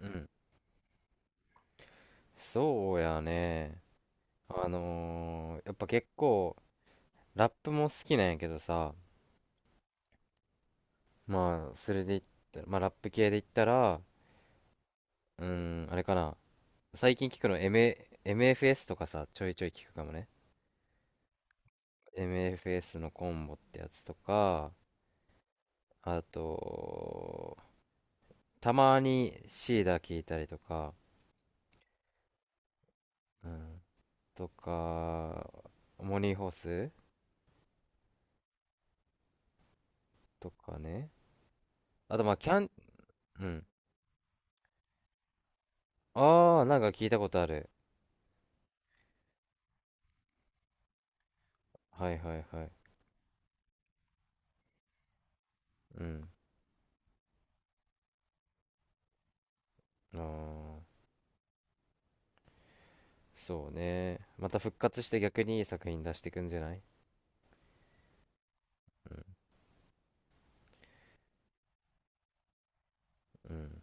うん、そうやね。やっぱ結構、ラップも好きなんやけどさ、まあ、それで言ったら、まあ、ラップ系で言ったら、うん、あれかな。最近聞くのエムエー、m f s とかさ、ちょいちょい聞くかもね。MFS のコンボってやつとか、あと、たまにシーダ聞いたりとか、うん、とか、モニーホースとかね。あと、まあ、キャン、うん。ああ、なんか聞いたことある。はいはいはい。うん。ああ、そうね。また復活して逆にいい作品出してくんじゃない？うん。うん。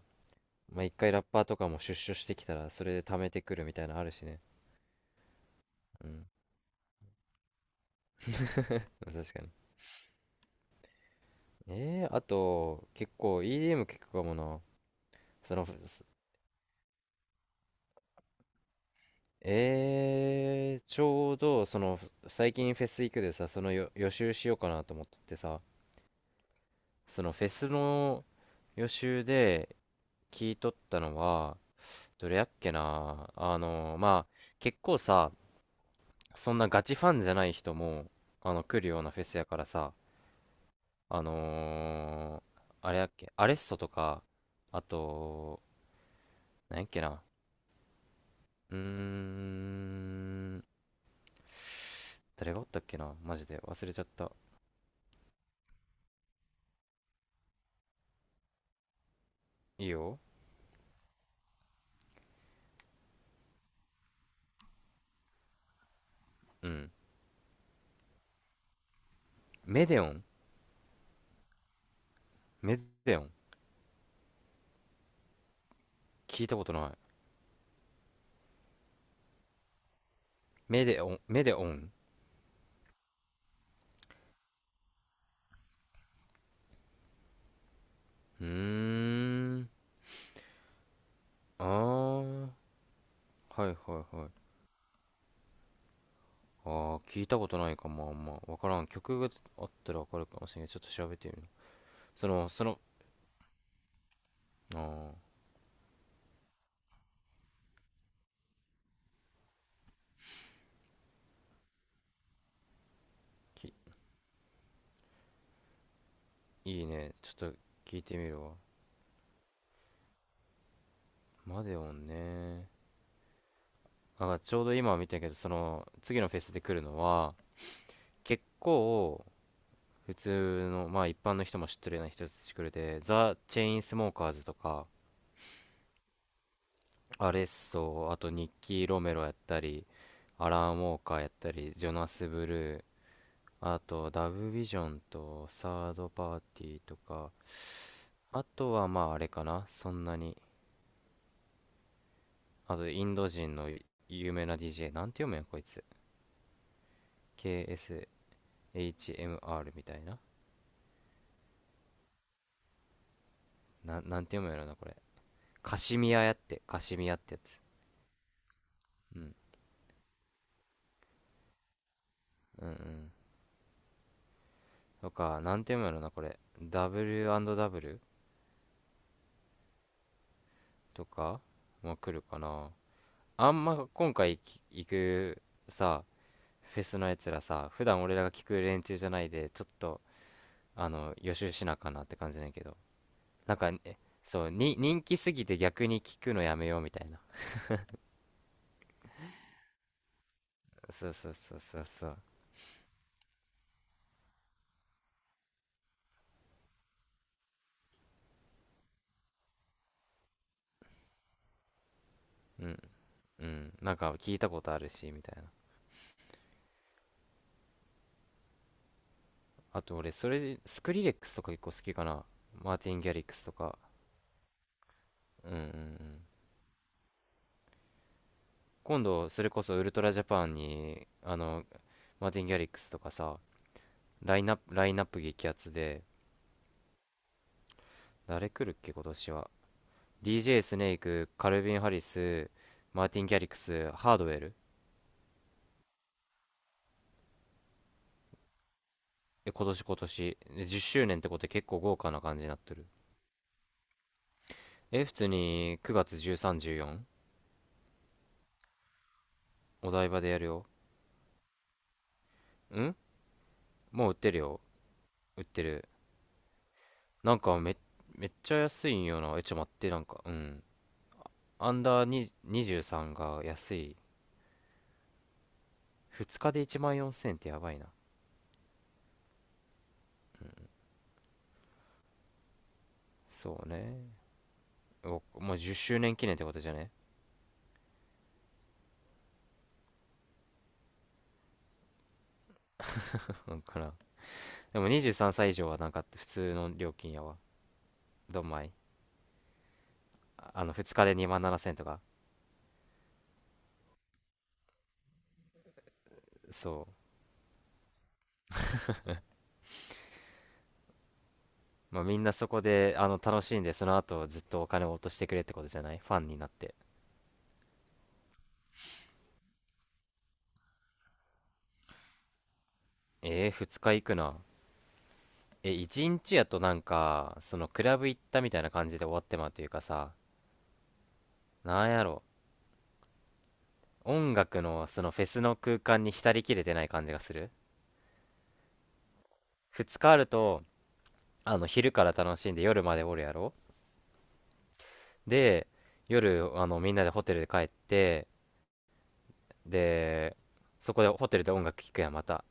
まあ、1回ラッパーとかも出所してきたら、それで貯めてくるみたいなのあるしね。うん。確かに。あと、結構 EDM 聞くかもな。その、すちょうど、最近フェス行くでさ、そのよ予習しようかなと思っててさ、そのフェスの予習で聞いとったのは、どれやっけな。まあ結構さ、そんなガチファンじゃない人も来るようなフェスやからさ、あのーあれやっけ、アレッソとか、あと、なんやっけな、うーん誰がおったっけな、マジで忘れちゃった。いいよ。うん。メデオンメデオン。聞いたことない。メデオンメデオン。うーんああ、はいはいはい。ああ、聞いたことないかも、あんま。わからん。曲があったらわかるかもしれない。ちょっと調べてみる。その、その、ああ、き、いいね。ちょっと聞いてみるわ。マデオンね。あ、ちょうど今見たけど、次のフェスで来るのは、結構、普通の、まあ一般の人も知ってるような人たち来るで、ザ・チェインスモーカーズとか、アレッソ、あとニッキー・ロメロやったり、アラン・ウォーカーやったり、ジョナス・ブルー、あと、ダブビジョンとサードパーティーとか、あとはまああれかな、そんなに。あと、インド人の有名な DJ、なんて読むんや、こいつ。KSHMR みたいな。なんて読むんやろな、これ。カシミヤやって、カシミヤってやつ。うん。うんうん。とか、なんて読むんやろな、これ。W&W とかも来るかな。あんま今回行くさ、フェスのやつらさ、普段俺らが聞く連中じゃないで、ちょっと、予習しなあかんなって感じなんやけど、なんかね、そうに人気すぎて逆に聞くのやめようみたいな。そうそうそうそうそう。うんうん。なんか聞いたことあるしみたいな。あと俺それでスクリレックスとか結構好きかな、マーティン・ギャリックスとか。うんうんうん。今度それこそウルトラジャパンにマーティン・ギャリックスとかさ、ラインナップ激アツで、誰来るっけ今年は。 DJ スネーク、カルビン・ハリス、マーティン・ギャリックス、ハードウェル。今年で10周年ってことで結構豪華な感じになってる。普通に9月1314、お台場でやるよ。ん。もう売ってるよ。売ってる。なんか、めっちゃ安いんよな。ちょっ待って、なんか、うん。アンダーに23が安い。2日で1万4000ってやばいな。そうね。おもう10周年記念ってことじゃね？ なんかな。でも23歳以上はなんか普通の料金やわ。どんまい。2日で2万7000とか。そう。まあ、みんなそこで楽しんで、その後ずっとお金を落としてくれってことじゃない？ファンになって。2日行くな。1日やとなんかそのクラブ行ったみたいな感じで終わってまうというかさ、なんやろ、音楽のそのフェスの空間に浸りきれてない感じがする。2日あると、昼から楽しんで夜までおるやろ。で、夜みんなでホテルで帰って、で、そこでホテルで音楽聴くやん、また。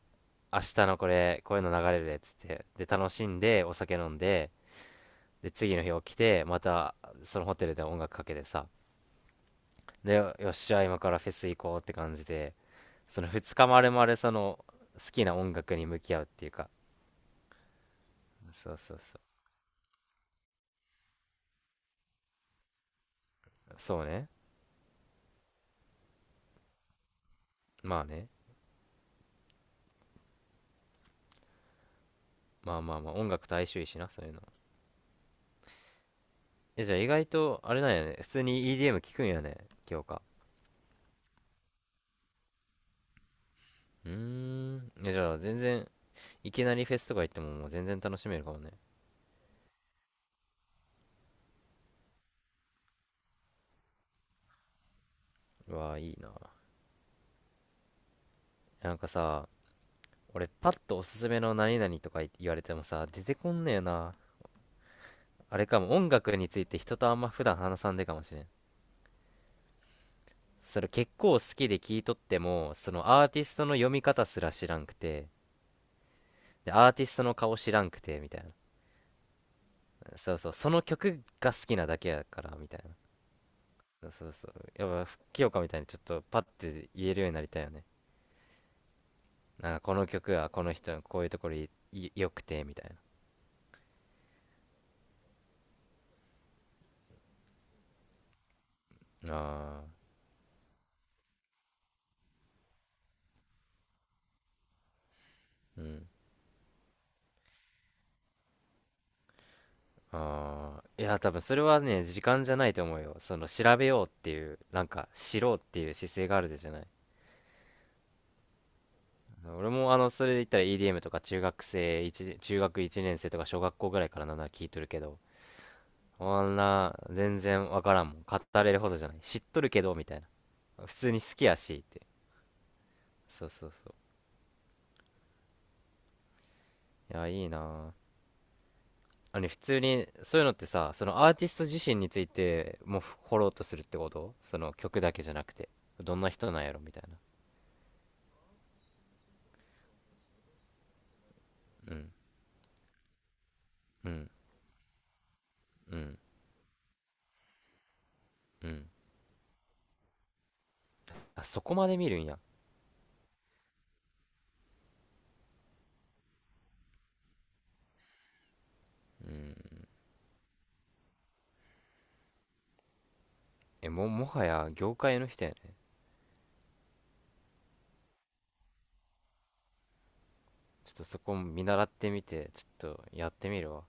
明日のこれ、こういうの流れるで、つって。で、楽しんで、お酒飲んで、で、次の日起きて、また、そのホテルで音楽かけてさ。で、よっしゃ、今からフェス行こうって感じで、その2日丸々、好きな音楽に向き合うっていうか。そうそうそう。そうね。まあね。まあまあまあ、音楽と相性いいしな、そういうの。え、じゃあ意外と、あれなんやね。普通に EDM 聞くんやね、今日か。うーん。え、じゃあ全然、いきなりフェスとか行ってももう全然楽しめるかもね。うわあ、いいな。なんかさ、俺パッとおすすめの何々とか言われてもさ、出てこんねえな。あれかも、音楽について人とあんま普段話さんでかもしれん。それ結構好きで聞いとっても、そのアーティストの読み方すら知らんくて、でアーティストの顔知らんくてみたいな。そうそう、その曲が好きなだけやからみたいな。そうそうそう。やっぱ清香みたいにちょっとパッて言えるようになりたいよね。なんかこの曲はこの人のこういうところいい良くてみたいな。ああ、うん。ああ、いや、多分それはね、時間じゃないと思うよ。その、調べようっていう、なんか、知ろうっていう姿勢があるでじゃない。俺も、それで言ったら EDM とか、中学1年生とか小学校ぐらいからなんなら聞いとるけど、あんな、全然わからんもん。語れるほどじゃない。知っとるけど、みたいな。普通に好きやし、って。そうそうそう。いや、いいなあ。普通に、そういうのってさ、そのアーティスト自身についても掘ろうとするってこと、その曲だけじゃなくて。どんな人なんやろみたいな。うん。うん、うん、うん。あ、そこまで見るんや。うん。え、もはや業界の人やね。ちょっとそこ見習ってみて、ちょっとやってみるわ。